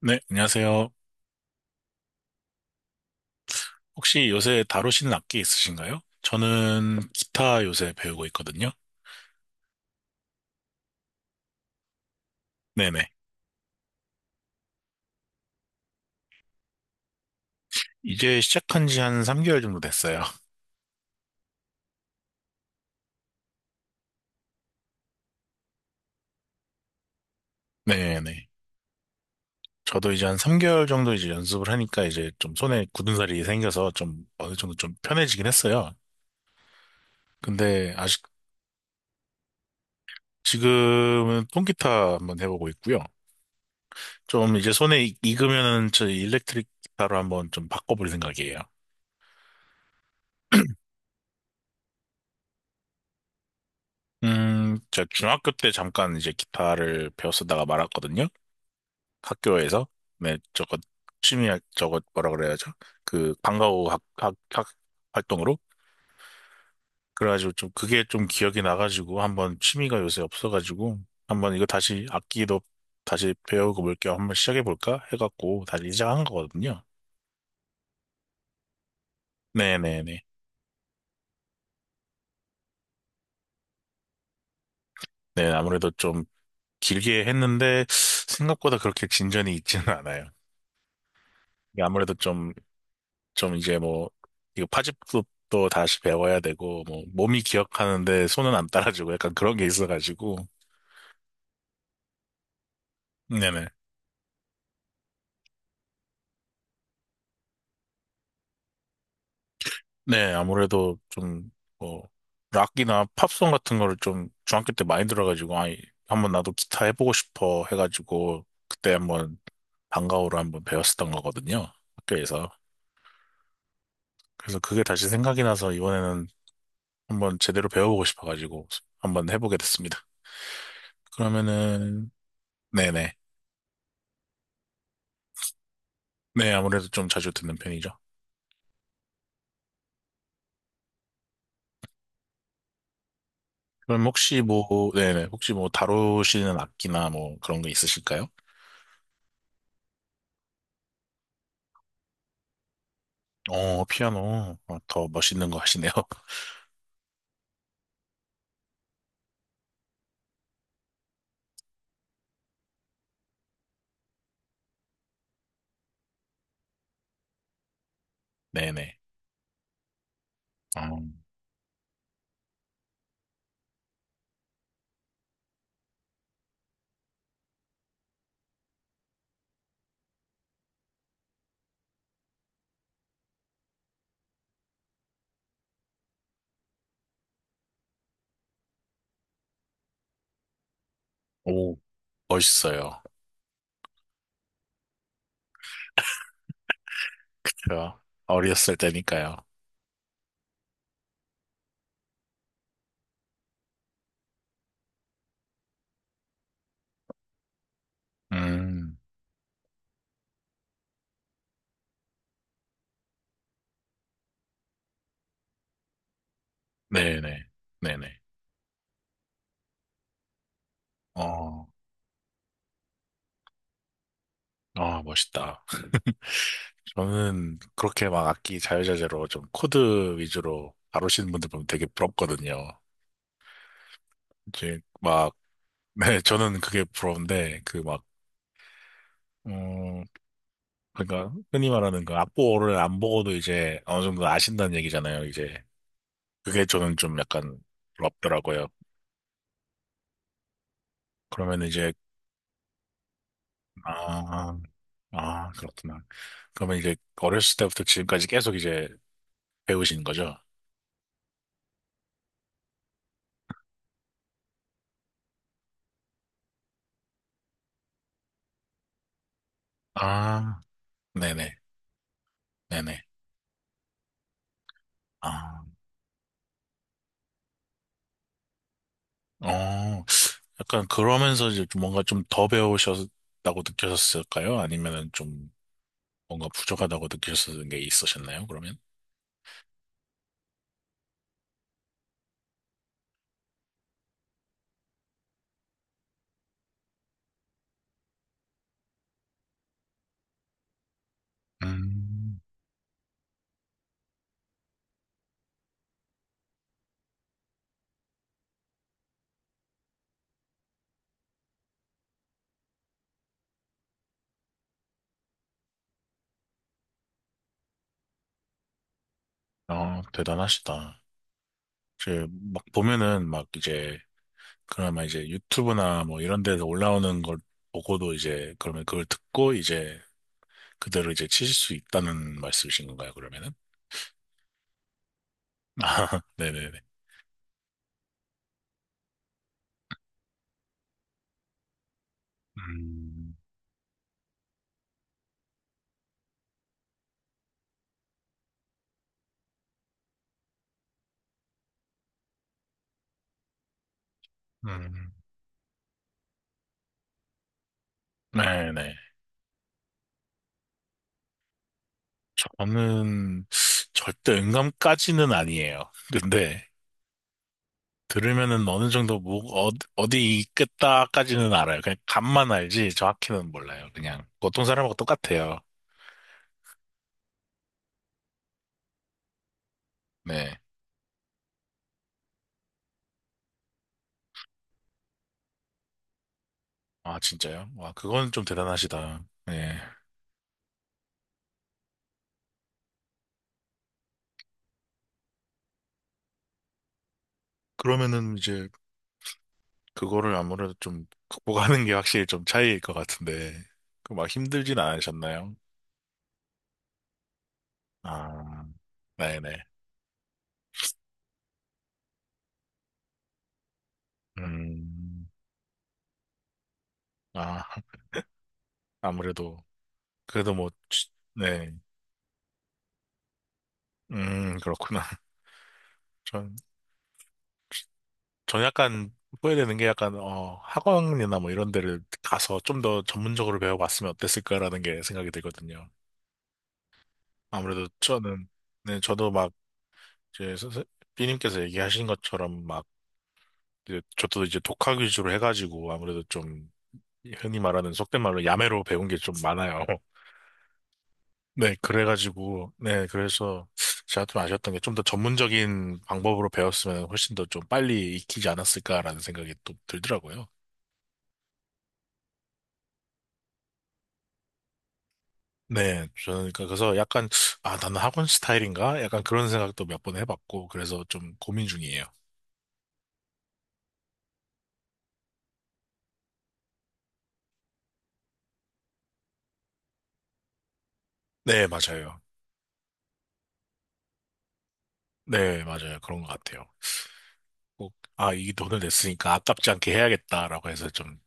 네, 안녕하세요. 혹시 요새 다루시는 악기 있으신가요? 저는 기타 요새 배우고 있거든요. 네네. 이제 시작한 지 한 3개월 정도 됐어요. 네네. 저도 이제 한 3개월 정도 이제 연습을 하니까 이제 좀 손에 굳은 살이 생겨서 좀 어느 정도 좀 편해지긴 했어요. 근데 아직 지금은 통기타 한번 해보고 있고요. 좀 이제 손에 익으면은 저 일렉트릭 기타로 한번 좀 바꿔볼 생각이에요. 제가 중학교 때 잠깐 이제 기타를 배웠었다가 말았거든요. 학교에서 네 저거 저거 뭐라 그래야죠. 그 방과후 학 활동으로 그래가지고 좀 그게 좀 기억이 나가지고 한번 취미가 요새 없어가지고 한번 이거 다시 악기도 다시 배우고 볼 겸 한번 시작해 볼까 해갖고 다시 시작한 거거든요. 네네네. 네 아무래도 좀 길게 했는데 생각보다 그렇게 진전이 있지는 않아요. 이게 아무래도 좀 좀 이제 뭐, 이거 파집도 다시 배워야 되고, 뭐, 몸이 기억하는데 손은 안 따라주고 약간 그런 게 있어가지고. 네네. 네, 아무래도 좀, 뭐, 락이나 팝송 같은 거를 좀 중학교 때 많이 들어가지고, 아이, 한번 나도 기타 해보고 싶어 해가지고, 그때 한번 방과후로 한번 배웠었던 거거든요. 학교에서. 그래서 그게 다시 생각이 나서 이번에는 한번 제대로 배워보고 싶어가지고, 한번 해보게 됐습니다. 그러면은, 네네. 네, 아무래도 좀 자주 듣는 편이죠. 그럼 혹시 뭐, 네네, 혹시 뭐 다루시는 악기나 뭐 그런 거 있으실까요? 어, 피아노. 어, 더 멋있는 거 하시네요. 네네. 어 오, 멋있어요. 제가 어렸을 때니까요. 음, 네네. 네네. 어, 아, 멋있다. 저는 그렇게 막 악기 자유자재로 좀 코드 위주로 다루시는 분들 보면 되게 부럽거든요. 이제 막, 네, 저는 그게 부러운데, 그 막, 음, 그러니까 흔히 말하는 그 악보를 안 보고도 이제 어느 정도 아신다는 얘기잖아요. 이제 그게 저는 좀 약간 부럽더라고요. 그러면 이제 아, 아 그렇구나. 그러면 이제 어렸을 때부터 지금까지 계속 이제 배우신 거죠? 아, 네네, 네네. 아, 어, 약간 그러면서 이제 좀 뭔가 좀 더 배우셨다고 느껴졌을까요? 아니면은 좀. 뭔가 부족하다고 느끼셨던 게 있으셨나요, 그러면? 음, 아, 대단하시다. 이제 막 보면은 막 이제 그나마 이제 유튜브나 뭐 이런 데서 올라오는 걸 보고도 이제 그러면 그걸 듣고 이제 그대로 이제 치실 수 있다는 말씀이신 건가요, 그러면은? 아, 네네네. 음, 음, 네네. 저는 절대 음감까지는 아니에요. 근데 들으면은 어느 정도 뭐 어, 어디 있겠다까지는 알아요. 그냥 감만 알지 정확히는 몰라요. 그냥 보통 사람하고 똑같아요. 네. 아 진짜요? 와 그건 좀 대단하시다. 네. 그러면은 이제 그거를 아무래도 좀 극복하는 게 확실히 좀 차이일 것 같은데 그 막 힘들진 않으셨나요? 아 네네. 음. 아 아무래도 그래도 뭐 네. 그렇구나. 전, 전 약간 후회되는 게 약간, 어, 학원이나 뭐 이런 데를 가서 좀 더 전문적으로 배워봤으면 어땠을까라는 게 생각이 들거든요. 아무래도 저는, 네, 저도 막, 이제, B님께서 얘기하신 것처럼 막, 이제 저도 이제 독학 위주로 해가지고 아무래도 좀, 흔히 말하는 속된 말로 야매로 배운 게 좀 많아요. 네, 그래가지고, 네, 그래서 제가 좀 아쉬웠던 게 좀 더 전문적인 방법으로 배웠으면 훨씬 더 좀 빨리 익히지 않았을까라는 생각이 또 들더라고요. 네, 저는 그러니까 그래서 약간 아 나는 학원 스타일인가? 약간 그런 생각도 몇 번 해봤고 그래서 좀 고민 중이에요. 네, 맞아요. 네, 맞아요. 그런 것 같아요. 꼭 아 이 돈을 냈으니까 아깝지 않게 해야겠다라고 해서 좀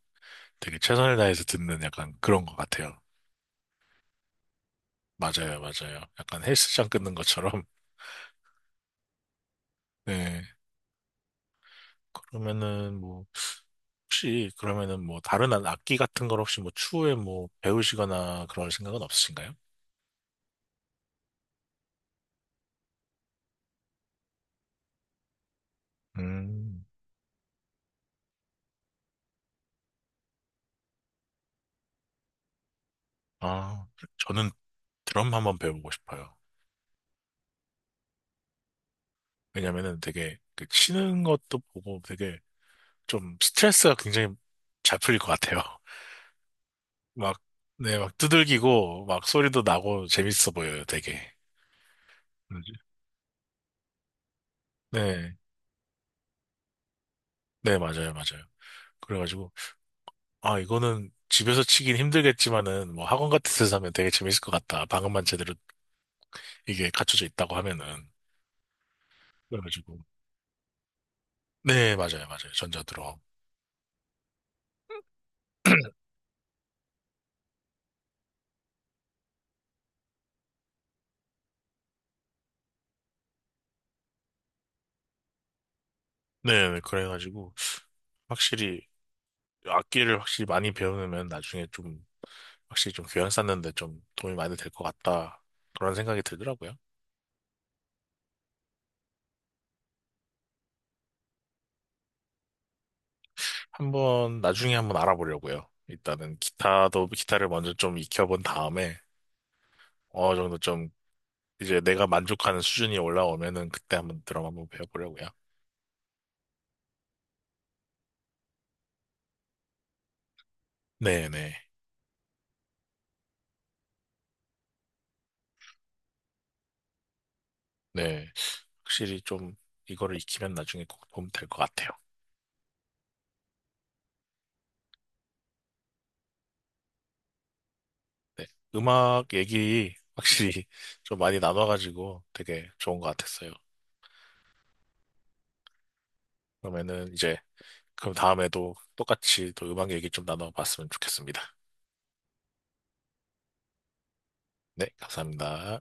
되게 최선을 다해서 듣는 약간 그런 것 같아요. 맞아요, 맞아요. 약간 헬스장 끊는 것처럼. 네. 그러면은 뭐 혹시 그러면은 뭐 다른 악기 같은 걸 혹시 뭐 추후에 뭐 배우시거나 그럴 생각은 없으신가요? 음. 아, 저는 드럼 한번 배워보고 싶어요. 왜냐면은 되게 그 치는 것도 보고 되게 좀 스트레스가 굉장히 잘 풀릴 것 같아요. 막, 네, 막 두들기고 막 소리도 나고 재밌어 보여요, 되게. 뭐지? 네, 네, 맞아요, 맞아요. 그래가지고, 아, 이거는 집에서 치긴 힘들겠지만은 뭐 학원 같은 데서 하면 되게 재밌을 것 같다. 방음만 제대로 이게 갖춰져 있다고 하면은. 그래가지고, 네, 맞아요, 맞아요. 전자드럼. 네, 네, 그래가지고, 확실히 악기를 확실히 많이 배우면 나중에 좀 확실히 좀 교양 쌓는데 좀 도움이 많이 될 것 같다. 그런 생각이 들더라고요. 한번 나중에 한번 알아보려고요. 일단은 기타도 기타를 먼저 좀 익혀본 다음에 어느 정도 좀 이제 내가 만족하는 수준이 올라오면은 그때 한번 드럼 한번 배워보려고요. 네네. 네. 확실히 좀 이거를 익히면 나중에 꼭 도움 될 것 같아요. 네. 음악 얘기 확실히 좀 많이 나눠가지고 되게 좋은 것 같았어요. 그러면은 이제 그럼 다음에도 똑같이 또 음악 얘기 좀 나눠봤으면 좋겠습니다. 네, 감사합니다.